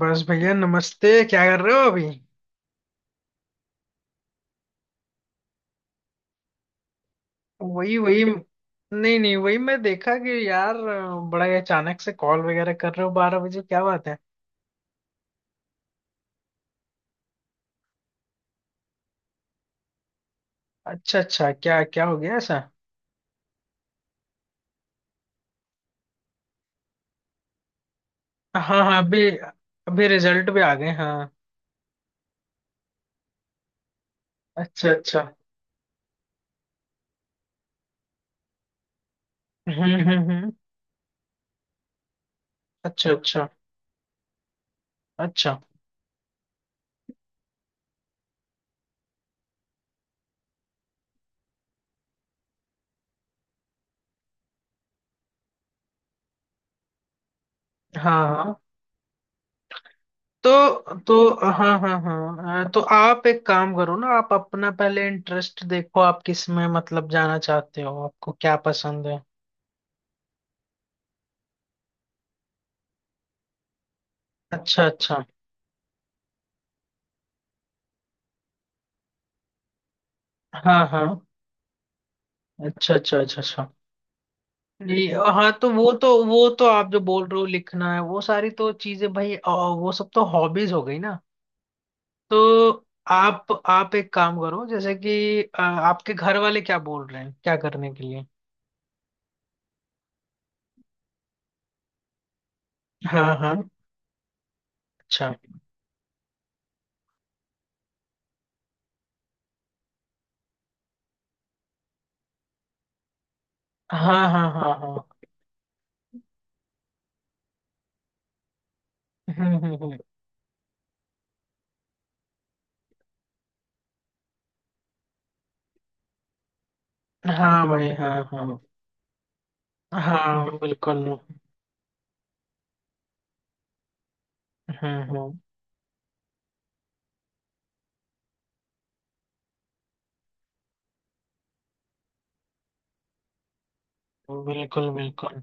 बस भैया नमस्ते। क्या कर रहे हो अभी। वही वही, नहीं नहीं, वही मैं देखा कि यार बड़ा ही अचानक से कॉल वगैरह कर रहे हो, 12 बजे क्या बात है। अच्छा अच्छा, क्या क्या हो गया ऐसा। हाँ हाँ, अभी अभी रिजल्ट भी आ गए, हाँ। अच्छा अच्छा। हम्म। अच्छा अच्छा अच्छा। हाँ हाँ। तो तो हाँ हाँ हाँ, तो आप एक काम करो ना, आप अपना पहले इंटरेस्ट देखो, आप किस में मतलब जाना चाहते हो, आपको क्या पसंद है। अच्छा अच्छा। हाँ हाँ। अच्छा अच्छा अच्छा अच्छा। नहीं। हाँ तो वो तो आप जो बोल रहे हो लिखना है वो सारी तो चीजें भाई वो सब तो हॉबीज हो गई ना। तो आप एक काम करो जैसे कि आपके घर वाले क्या बोल रहे हैं क्या करने के लिए। हाँ हाँ। अच्छा। हाँ हाँ हाँ हाँ। हम्म। हाँ भाई हाँ हाँ। हाँ बिल्कुल। हम्म। बिल्कुल बिल्कुल।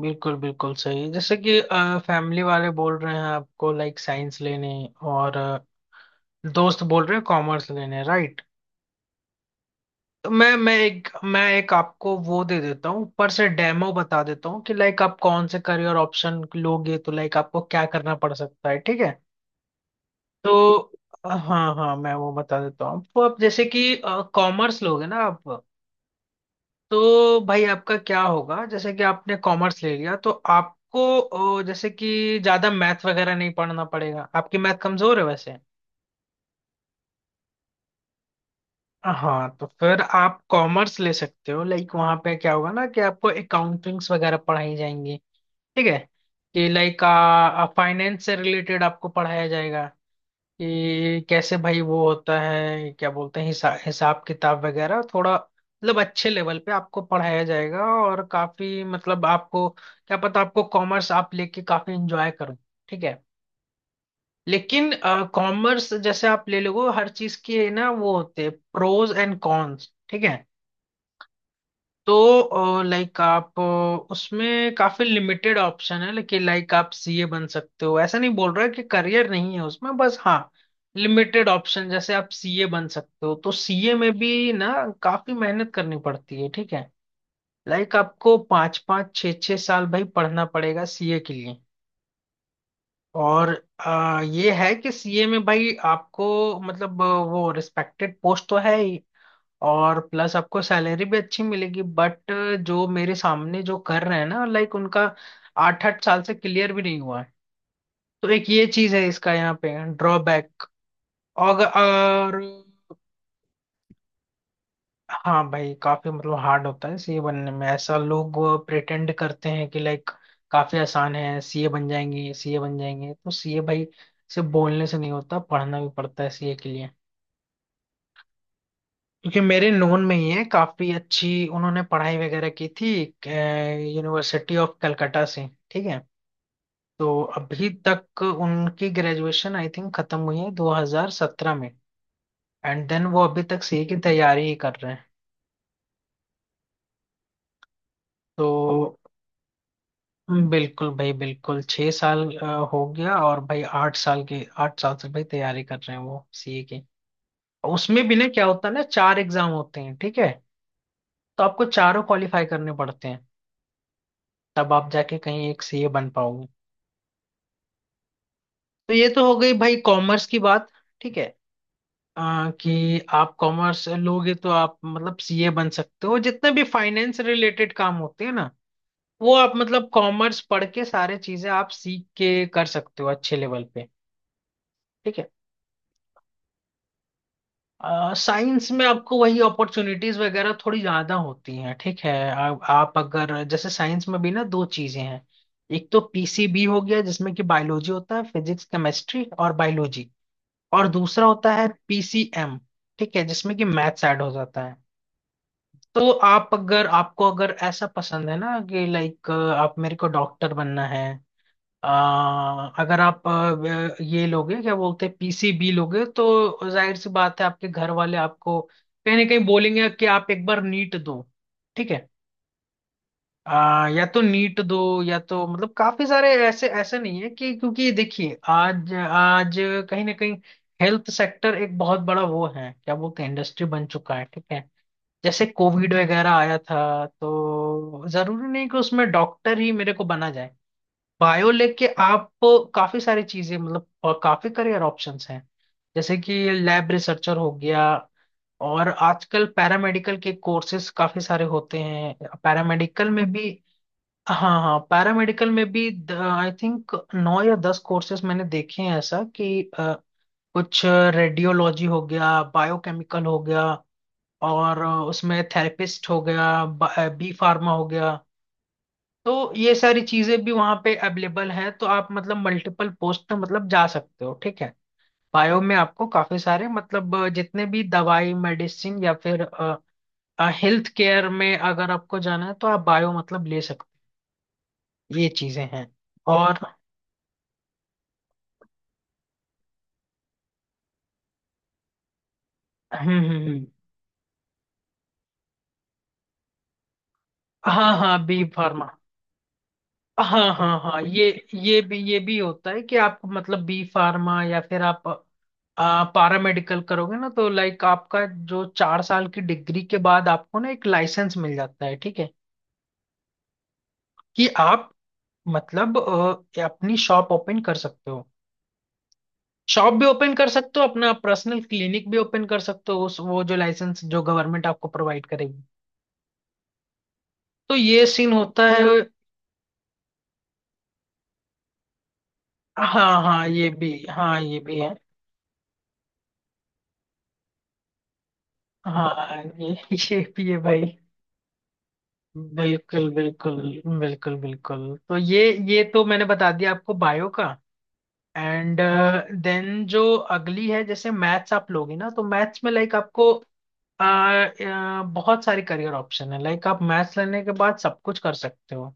बिल्कुल बिल्कुल सही। जैसे कि फैमिली वाले बोल रहे हैं आपको लाइक साइंस लेने, और दोस्त बोल रहे हैं कॉमर्स लेने, राइट। मैं एक आपको वो दे देता हूँ, ऊपर से डेमो बता देता हूँ कि लाइक आप कौन से करियर ऑप्शन लोगे तो लाइक आपको क्या करना पड़ सकता है, ठीक है। तो हाँ हाँ, मैं वो बता देता हूँ आपको। आप जैसे कि कॉमर्स लोगे ना आप, तो भाई आपका क्या होगा। जैसे कि आपने कॉमर्स ले लिया तो आपको जैसे कि ज्यादा मैथ वगैरह नहीं पढ़ना पड़ेगा, आपकी मैथ कमजोर है वैसे। हाँ तो फिर आप कॉमर्स ले सकते हो। लाइक वहां पे क्या होगा ना, कि आपको अकाउंटिंग्स वगैरह पढ़ाई जाएंगी, ठीक है। कि लाइक फाइनेंस से रिलेटेड आपको पढ़ाया जाएगा, कि कैसे भाई वो होता है क्या बोलते हैं हिसाब किताब वगैरह, थोड़ा मतलब अच्छे लेवल पे आपको पढ़ाया जाएगा, और काफी मतलब आपको क्या पता, आपको कॉमर्स आप लेके काफी एंजॉय करो, ठीक है। लेकिन कॉमर्स जैसे आप ले लोगे, हर चीज के ना वो होते हैं प्रोज एंड कॉन्स, ठीक है। तो लाइक आप उसमें काफी लिमिटेड ऑप्शन है, लेकिन लाइक आप सीए बन सकते हो, ऐसा नहीं बोल रहा कि करियर नहीं है उसमें, बस हाँ लिमिटेड ऑप्शन। जैसे आप सीए बन सकते हो तो सीए में भी ना काफी मेहनत करनी पड़ती है, ठीक है। लाइक आपको पाँच पाँच छः छः साल भाई पढ़ना पड़ेगा सीए के लिए। और ये है कि सीए में भाई आपको मतलब वो रिस्पेक्टेड पोस्ट तो है ही, और प्लस आपको सैलरी भी अच्छी मिलेगी, बट जो मेरे सामने जो कर रहे हैं ना लाइक उनका आठ आठ साल से क्लियर भी नहीं हुआ है। तो एक ये चीज है इसका यहाँ पे ड्रॉबैक। और हाँ भाई, काफी मतलब हार्ड होता है सीए बनने में। ऐसा लोग प्रिटेंड करते हैं कि लाइक काफी आसान है, सीए बन जाएंगे सीए बन जाएंगे, तो सीए भाई सिर्फ बोलने से नहीं होता, पढ़ना भी पड़ता है सीए के लिए। क्योंकि मेरे नोन में ही है, काफी अच्छी उन्होंने पढ़ाई वगैरह की थी, यूनिवर्सिटी ऑफ कलकत्ता से, ठीक है। तो अभी तक उनकी ग्रेजुएशन आई थिंक खत्म हुई है 2017 में, एंड देन वो अभी तक सीए की तैयारी ही कर रहे हैं। तो बिल्कुल भाई बिल्कुल, 6 साल हो गया, और भाई आठ साल के, आठ साल से भाई तैयारी कर रहे हैं वो सीए की। उसमें भी ना क्या होता है ना, 4 एग्जाम होते हैं, ठीक है। तो आपको चारों क्वालिफाई करने पड़ते हैं, तब आप जाके कहीं एक सीए बन पाओगे। तो ये तो हो गई भाई कॉमर्स की बात, ठीक है। कि आप कॉमर्स लोगे तो आप मतलब सीए बन सकते हो, जितने भी फाइनेंस रिलेटेड काम होते हैं ना, वो आप मतलब कॉमर्स पढ़ के सारे चीजें आप सीख के कर सकते हो अच्छे लेवल पे, ठीक है। साइंस में आपको वही अपॉर्चुनिटीज वगैरह थोड़ी ज्यादा होती हैं, ठीक है। आप अगर, जैसे साइंस में भी ना दो चीजें हैं। एक तो पीसीबी हो गया, जिसमें कि बायोलॉजी होता है, फिजिक्स केमिस्ट्री और बायोलॉजी। और दूसरा होता है पीसीएम, ठीक है, जिसमें कि मैथ्स ऐड हो जाता है। तो आप अगर, आपको अगर ऐसा पसंद है ना कि लाइक आप मेरे को डॉक्टर बनना है, अगर आप ये लोगे क्या बोलते हैं पीसीबी लोगे, तो जाहिर सी बात है आपके घर वाले आपको कहीं ना कहीं बोलेंगे कि आप एक बार नीट दो, ठीक है। या तो नीट दो, या तो मतलब काफी सारे ऐसे, ऐसे नहीं है कि क्योंकि देखिए आज आज कहीं ना कहीं हेल्थ सेक्टर एक बहुत बड़ा वो है क्या बोलते हैं इंडस्ट्री बन चुका है, ठीक है। जैसे कोविड वगैरह आया था, तो जरूरी नहीं कि उसमें डॉक्टर ही मेरे को बना जाए। बायो लेके आप काफी सारी चीजें मतलब काफी करियर ऑप्शंस हैं। जैसे कि लैब रिसर्चर हो गया, और आजकल पैरामेडिकल के कोर्सेज काफी सारे होते हैं। पैरामेडिकल में भी, हाँ हाँ, पैरामेडिकल में भी आई थिंक नौ या दस कोर्सेज मैंने देखे हैं ऐसा, कि अ, कुछ रेडियोलॉजी हो गया, बायोकेमिकल हो गया, और उसमें थेरेपिस्ट हो गया, बी फार्मा हो गया। तो ये सारी चीजें भी वहाँ पे अवेलेबल है, तो आप मतलब मल्टीपल पोस्ट पे मतलब जा सकते हो, ठीक है। बायो में आपको काफी सारे मतलब जितने भी दवाई मेडिसिन या फिर हेल्थ केयर में अगर आपको जाना है, तो आप बायो मतलब ले सकते हो। ये चीजें हैं, और हम्म हम्म, हम्म। हाँ हाँ बी फार्मा। हाँ हाँ हाँ, ये भी होता है कि आप मतलब बी फार्मा या फिर आप पारामेडिकल करोगे ना, तो लाइक आपका जो 4 साल की डिग्री के बाद आपको ना एक लाइसेंस मिल जाता है, ठीक है, कि आप मतलब अपनी शॉप ओपन कर सकते हो। शॉप भी ओपन कर सकते हो, अपना पर्सनल क्लिनिक भी ओपन कर सकते हो, उस वो जो लाइसेंस जो गवर्नमेंट आपको प्रोवाइड करेगी। तो ये सीन होता है। हाँ हाँ ये भी, हाँ ये भी है। हाँ ये भी है भाई। बिल्कुल बिल्कुल। बिल्कुल बिल्कुल। तो ये तो मैंने बता दिया आपको बायो का। एंड देन जो अगली है, जैसे मैथ्स आप लोगे ना तो मैथ्स में लाइक आपको बहुत सारे करियर ऑप्शन है। लाइक आप मैथ्स लेने के बाद सब कुछ कर सकते हो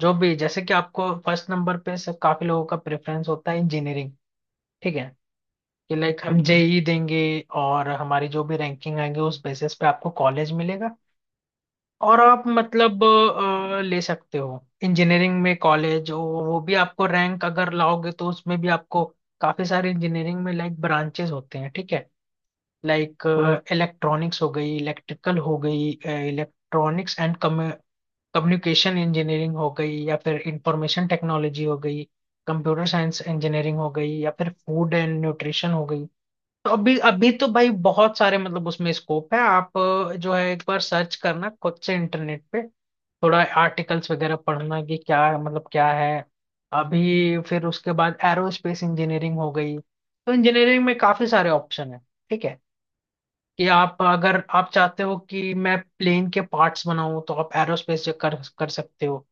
जो भी। जैसे कि आपको फर्स्ट नंबर पे से काफी लोगों का प्रेफरेंस होता है इंजीनियरिंग, ठीक है, कि लाइक हम जेई देंगे, और हमारी जो भी रैंकिंग आएंगे उस बेसिस पे आपको कॉलेज मिलेगा, और आप मतलब ले सकते हो इंजीनियरिंग में कॉलेज। वो भी आपको रैंक अगर लाओगे तो उसमें भी आपको काफी सारे इंजीनियरिंग में लाइक ब्रांचेस होते हैं, ठीक है। लाइक इलेक्ट्रॉनिक्स हो गई, इलेक्ट्रिकल हो गई, इलेक्ट्रॉनिक्स एंड कम्युनिकेशन इंजीनियरिंग हो गई, या फिर इंफॉर्मेशन टेक्नोलॉजी हो गई, कंप्यूटर साइंस इंजीनियरिंग हो गई, या फिर फूड एंड न्यूट्रिशन हो गई। तो अभी अभी तो भाई बहुत सारे मतलब उसमें स्कोप है। आप जो है एक बार सर्च करना खुद से इंटरनेट पे, थोड़ा आर्टिकल्स वगैरह पढ़ना कि क्या मतलब क्या है। अभी फिर उसके बाद एरोस्पेस इंजीनियरिंग हो गई। तो इंजीनियरिंग में काफी सारे ऑप्शन है, ठीक है। कि आप, अगर आप चाहते हो कि मैं प्लेन के पार्ट्स बनाऊं तो आप एरोस्पेस कर कर सकते हो।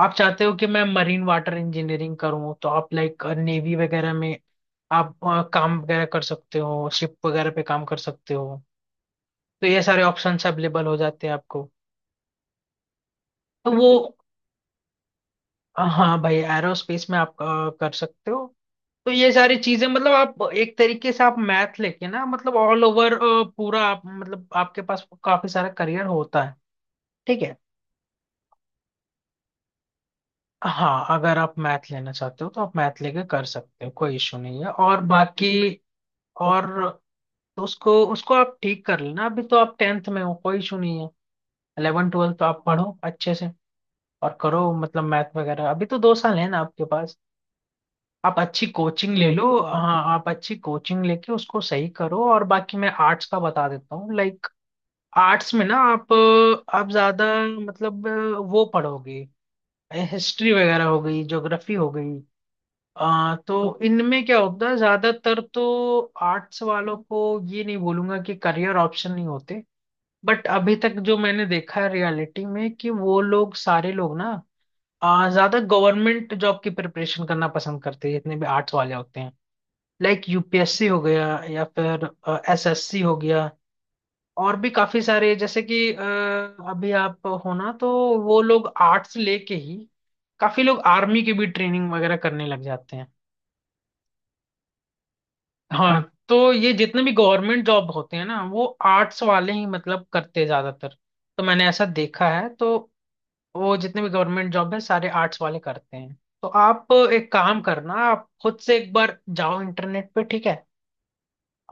आप चाहते हो कि मैं मरीन वाटर इंजीनियरिंग करूं, तो आप लाइक नेवी वगैरह में आप काम वगैरह कर सकते हो, शिप वगैरह पे काम कर सकते हो। तो ये सारे ऑप्शंस अवेलेबल हो जाते हैं आपको। तो वो, हाँ भाई एरोस्पेस में आप कर सकते हो। तो ये सारी चीजें मतलब आप एक तरीके से, आप मैथ लेके ना मतलब ऑल ओवर पूरा, आप मतलब आपके पास काफी सारा करियर होता है, ठीक है। हाँ अगर आप मैथ लेना चाहते हो तो आप मैथ लेके कर सकते हो, कोई इशू नहीं है, और बाकी। और तो उसको उसको आप ठीक कर लेना, अभी तो आप टेंथ में हो, कोई इशू नहीं है। इलेवन ट्वेल्थ तो आप पढ़ो अच्छे से, और करो मतलब मैथ वगैरह। अभी तो 2 साल है ना आपके पास, आप अच्छी कोचिंग ले लो। हाँ आप अच्छी कोचिंग लेके उसको सही करो, और बाकी मैं आर्ट्स का बता देता हूँ, लाइक आर्ट्स में ना आप ज्यादा मतलब वो पढ़ोगे, हिस्ट्री वगैरह हो गई, ज्योग्राफी हो गई। तो इनमें क्या होता है, ज्यादातर तो आर्ट्स वालों को ये नहीं बोलूंगा कि करियर ऑप्शन नहीं होते, बट अभी तक जो मैंने देखा है रियलिटी में, कि वो लोग सारे लोग ना ज्यादा गवर्नमेंट जॉब की प्रिपरेशन करना पसंद करते हैं, जितने भी आर्ट्स वाले होते हैं, लाइक यूपीएससी हो गया, या फिर एसएससी हो गया, और भी काफी सारे, जैसे कि अभी आप हो ना, तो वो लोग आर्ट्स लेके ही, काफी लोग आर्मी की भी ट्रेनिंग वगैरह करने लग जाते हैं। हाँ, तो ये जितने भी गवर्नमेंट जॉब होते हैं ना वो आर्ट्स वाले ही मतलब करते हैं ज्यादातर। तो मैंने ऐसा देखा है, तो वो जितने भी गवर्नमेंट जॉब है सारे आर्ट्स वाले करते हैं। तो आप एक काम करना, आप खुद से एक बार जाओ इंटरनेट पे, ठीक है,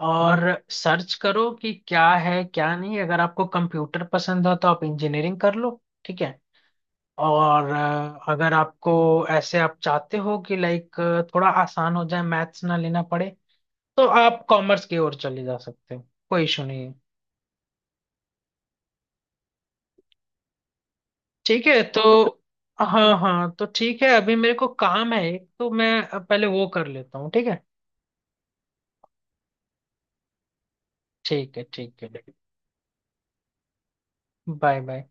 और सर्च करो कि क्या है क्या नहीं, अगर आपको कंप्यूटर पसंद हो तो आप इंजीनियरिंग कर लो, ठीक है। और अगर आपको ऐसे आप चाहते हो कि लाइक थोड़ा आसान हो जाए, मैथ्स ना लेना पड़े, तो आप कॉमर्स की ओर चले जा सकते हो, कोई इशू नहीं है, ठीक है। तो हाँ हाँ, तो ठीक है, अभी मेरे को काम है एक, तो मैं पहले वो कर लेता हूँ, ठीक है ठीक है ठीक है। Bye bye.